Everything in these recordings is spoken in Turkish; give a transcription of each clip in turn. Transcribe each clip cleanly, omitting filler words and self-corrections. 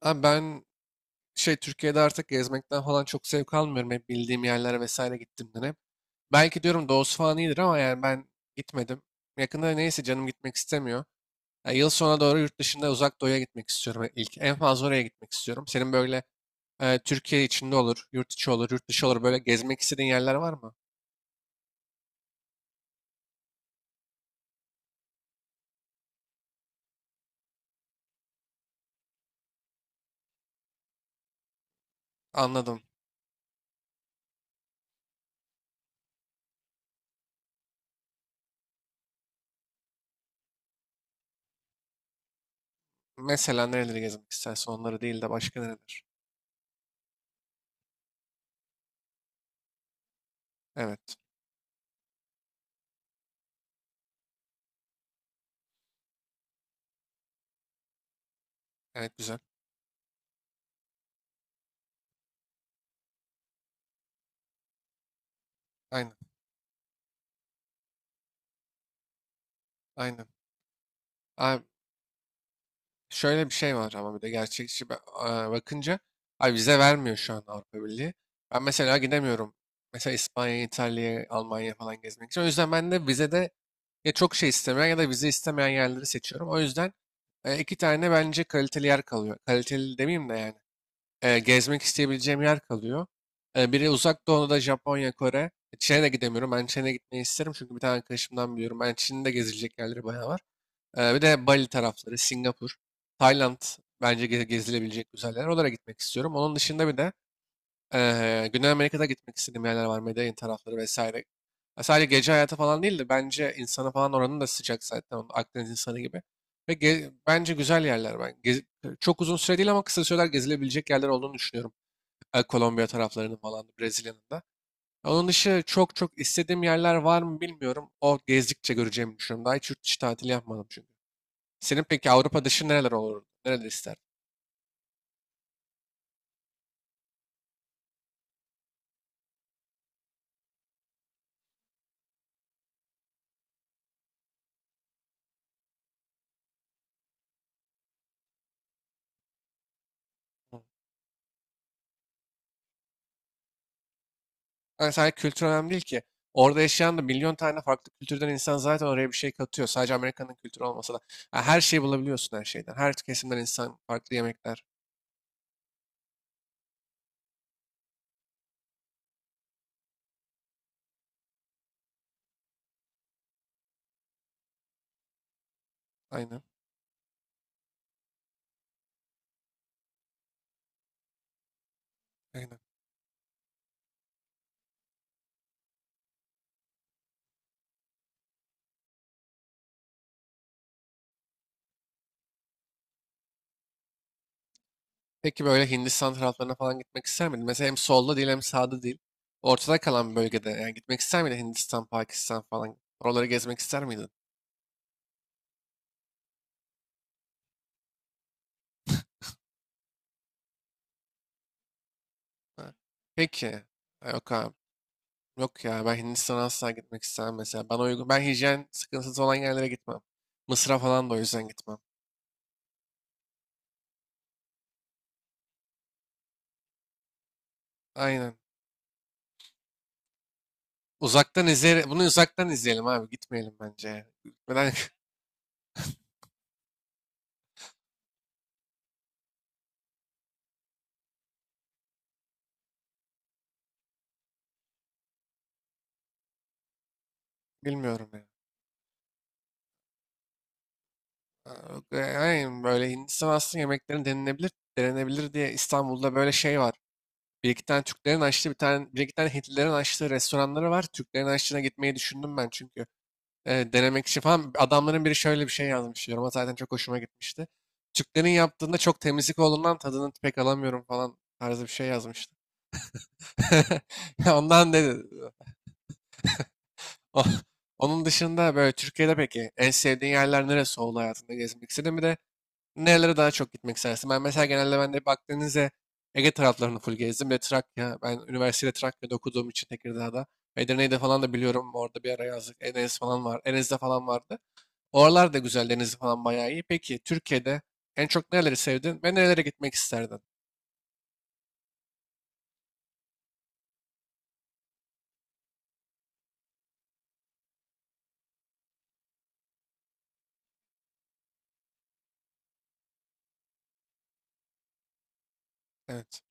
Abi ben Türkiye'de artık gezmekten falan çok zevk almıyorum. Hep bildiğim yerlere vesaire gittiğimden hep. Belki diyorum doğusu falan iyidir ama yani ben gitmedim. Yakında neyse canım gitmek istemiyor. Ya yıl sonuna doğru yurt dışında uzak doğuya gitmek istiyorum ilk. En fazla oraya gitmek istiyorum. Senin böyle Türkiye içinde olur, yurt içi olur, yurt dışı olur. Böyle gezmek istediğin yerler var mı? Anladım. Mesela nereleri gezmek istersin onları değil de başka nereler? Evet. Evet güzel. Aynen. Aynen. Abi şöyle bir şey var ama bir de gerçekçi bakınca ay vize vermiyor şu an Avrupa Birliği. Ben mesela gidemiyorum. Mesela İspanya'ya, İtalya'ya, Almanya'ya falan gezmek için. O yüzden ben de vizede ya çok şey istemeyen ya da vize istemeyen yerleri seçiyorum. O yüzden iki tane bence kaliteli yer kalıyor. Kaliteli demeyeyim de yani. Gezmek isteyebileceğim yer kalıyor. Biri uzak doğuda Japonya, Kore. Çin'e de gidemiyorum. Ben Çin'e gitmeyi isterim çünkü bir tane arkadaşımdan biliyorum. Ben Çin'de gezilecek yerleri bayağı var. Bir de Bali tarafları, Singapur, Tayland bence gezilebilecek güzel yerler. Oralara gitmek istiyorum. Onun dışında bir de Güney Amerika'da gitmek istediğim yerler var. Medellin tarafları vesaire. Ya sadece gece hayatı falan değil de bence insanı falan oranın da sıcak zaten. Onun Akdeniz insanı gibi. Ve bence güzel yerler. Ben çok uzun süre değil ama kısa süreler gezilebilecek yerler olduğunu düşünüyorum. Kolombiya taraflarının falan, da, Brezilya'nın da. Onun dışı çok çok istediğim yerler var mı bilmiyorum. O gezdikçe göreceğimi düşünüyorum. Daha hiç yurt dışı tatili yapmadım çünkü. Senin peki Avrupa dışı nereler olur? Nereleri isterdin? Yani sadece kültür önemli değil ki. Orada yaşayan da milyon tane farklı kültürden insan zaten oraya bir şey katıyor. Sadece Amerika'nın kültürü olmasa da. Yani her şeyi bulabiliyorsun her şeyden. Her kesimden insan, farklı yemekler. Aynen. Aynen. Peki böyle Hindistan taraflarına falan gitmek ister miydin? Mesela hem solda değil hem sağda değil. Ortada kalan bir bölgede yani gitmek ister miydin Hindistan, Pakistan falan? Oraları gezmek ister miydin? Ha. Peki. Ha, yok abi. Yok ya ben Hindistan'a asla gitmek istemem mesela. Bana uygun. Ben hijyen sıkıntısı olan yerlere gitmem. Mısır'a falan da o yüzden gitmem. Aynen. Uzaktan izleyelim. Bunu uzaktan izleyelim abi. Gitmeyelim bence. Ya. Gitmeden bilmiyorum ya. Ha, yok, aynen böyle Hindistan aslında yemeklerin denenebilir, denenebilir diye İstanbul'da böyle şey var. Bir iki tane Türklerin açtığı bir tane, bir iki tane Hintlilerin açtığı restoranları var. Türklerin açtığına gitmeyi düşündüm ben çünkü denemek için falan. Adamların biri şöyle bir şey yazmış yoruma zaten çok hoşuma gitmişti. Türklerin yaptığında çok temizlik olduğundan tadını pek alamıyorum falan tarzı bir şey yazmıştı. Ondan dedi. O- Onun dışında böyle Türkiye'de peki en sevdiğin yerler neresi oldu hayatında gezmek istediğin? Bir de nerelere daha çok gitmek istersin? Ben mesela genelde ben de hep Akdeniz'e, Ege taraflarını full gezdim. Bir de Trakya. Ben üniversitede Trakya'da okuduğum için Tekirdağ'da. Edirne'yi de falan da biliyorum. Orada bir ara yazdık. Enes falan var. Enes'de falan vardı. Oralar da güzel, denizi falan bayağı iyi. Peki Türkiye'de en çok nereleri sevdin ve nerelere gitmek isterdin? Evet,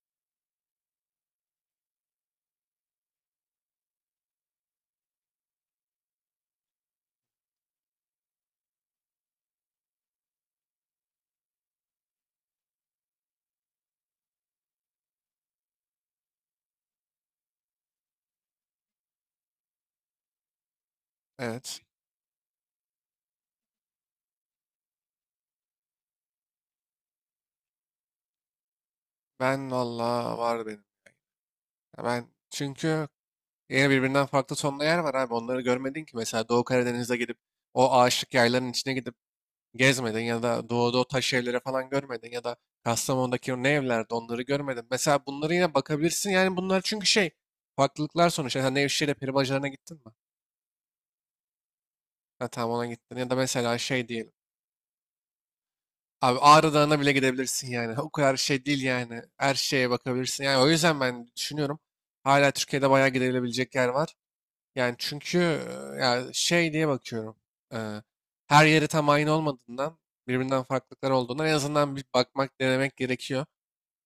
evet. Ben valla var benim. Ya ben çünkü yine birbirinden farklı tonlu yer var abi. Onları görmedin ki. Mesela Doğu Karadeniz'e gidip o ağaçlık yayların içine gidip gezmedin ya da doğuda o taş evlere falan görmedin ya da Kastamonu'daki o ne evlerde onları görmedin. Mesela bunları yine bakabilirsin. Yani bunlar çünkü şey farklılıklar sonuçta. Sen Nevşehir'e peri bacalarına gittin mi? Ha, tamam ona gittin. Ya da mesela şey diyelim. Abi Ağrı Dağı'na bile gidebilirsin yani. O kadar şey değil yani. Her şeye bakabilirsin. Yani o yüzden ben düşünüyorum. Hala Türkiye'de bayağı gidilebilecek yer var. Yani çünkü ya şey diye bakıyorum. E, her yeri tam aynı olmadığından birbirinden farklılıklar olduğundan en azından bir bakmak, denemek gerekiyor.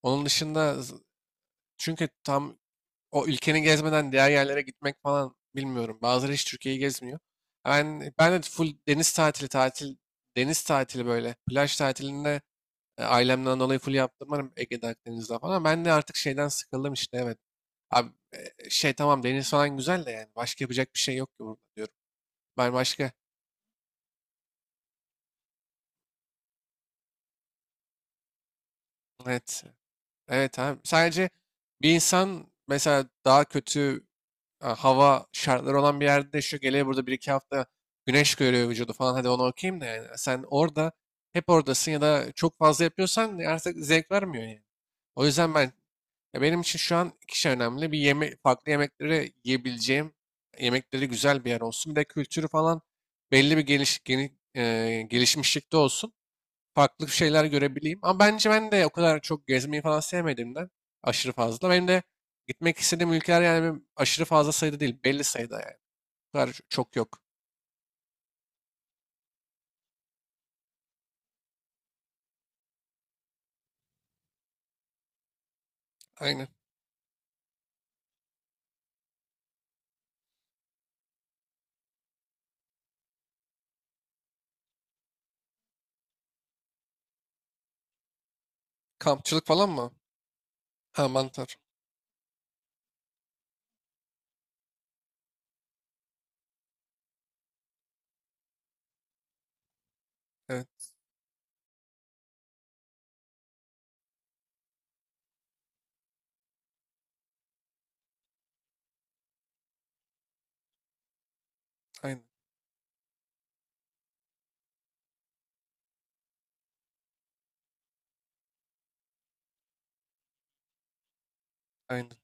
Onun dışında çünkü tam o ülkeni gezmeden diğer yerlere gitmek falan bilmiyorum. Bazıları hiç Türkiye'yi gezmiyor. Ben de full deniz tatili tatil deniz tatili böyle plaj tatilinde ailemden dolayı full yaptırmadım Ege'de Akdeniz'de falan. Ben de artık şeyden sıkıldım işte evet. Abi şey tamam deniz falan güzel de yani başka yapacak bir şey yok ki burada diyorum. Ben başka, evet, evet abi. Sadece bir insan mesela daha kötü hava şartları olan bir yerde yaşıyor. Geliyor burada bir iki hafta güneş görüyor vücudu falan. Hadi onu okuyayım da yani. Sen orada hep oradasın ya da çok fazla yapıyorsan artık zevk vermiyor yani. O yüzden ben ya benim için şu an iki şey önemli. Bir farklı yemekleri yiyebileceğim, yemekleri güzel bir yer olsun. Bir de kültürü falan belli bir gelişmişlikte olsun farklı şeyler görebileyim. Ama bence ben de o kadar çok gezmeyi falan sevmediğimden aşırı fazla. Benim de gitmek istediğim ülkeler yani benim aşırı fazla sayıda değil. Belli sayıda yani. O kadar çok yok. Aynen. Kampçılık falan mı? Ha mantar. Evet. Aynen. Aynen.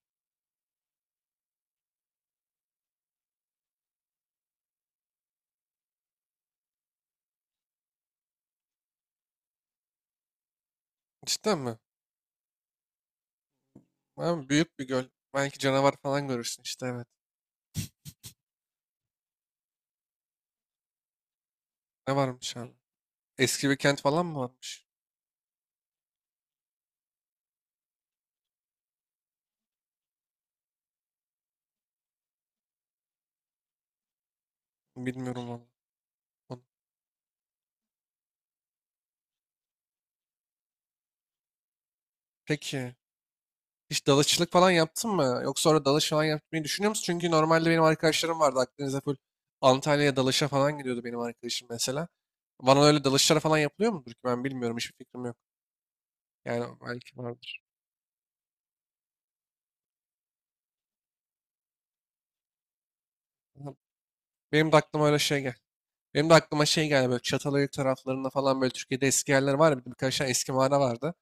Cidden mi? Abi büyük bir göl. Belki canavar falan görürsün işte evet. Ne varmış abi? Eski bir kent falan mı varmış? Bilmiyorum valla. Onu- Peki. Hiç dalıççılık falan yaptın mı? Yoksa orada dalış falan yapmayı düşünüyor musun? Çünkü normalde benim arkadaşlarım vardı Akdeniz'de full Antalya'ya dalışa falan gidiyordu benim arkadaşım mesela. Bana öyle dalışlara falan yapılıyor mudur ki ben bilmiyorum hiçbir fikrim yok. Yani belki vardır. Benim de aklıma öyle şey gel. Benim de aklıma şey geldi böyle Çatalhöyük taraflarında falan böyle Türkiye'de eski yerler var ya bir de birkaç tane eski mağara vardı.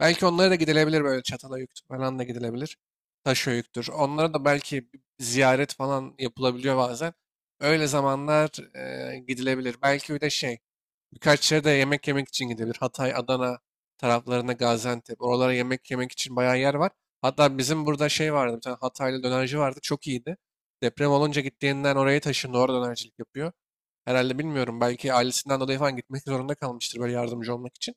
Belki onlara da gidilebilir böyle çatala yüktür falan da gidilebilir. Taşo yüktür. Onlara da belki ziyaret falan yapılabiliyor bazen. Öyle zamanlar gidilebilir. Belki bir de birkaç yere de yemek yemek için gidilebilir. Hatay, Adana taraflarına Gaziantep. Oralara yemek yemek için bayağı yer var. Hatta bizim burada şey vardı. Bir tane Hataylı dönerci vardı. Çok iyiydi. Deprem olunca gittiğinden oraya taşındı. Orada dönercilik yapıyor. Herhalde bilmiyorum. Belki ailesinden dolayı falan gitmek zorunda kalmıştır böyle yardımcı olmak için.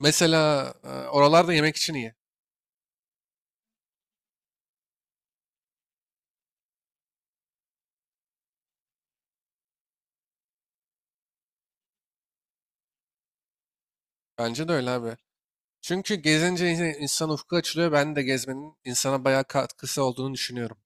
Mesela oralarda yemek için iyi. Bence de öyle abi. Çünkü gezince insan ufku açılıyor. Ben de gezmenin insana bayağı katkısı olduğunu düşünüyorum.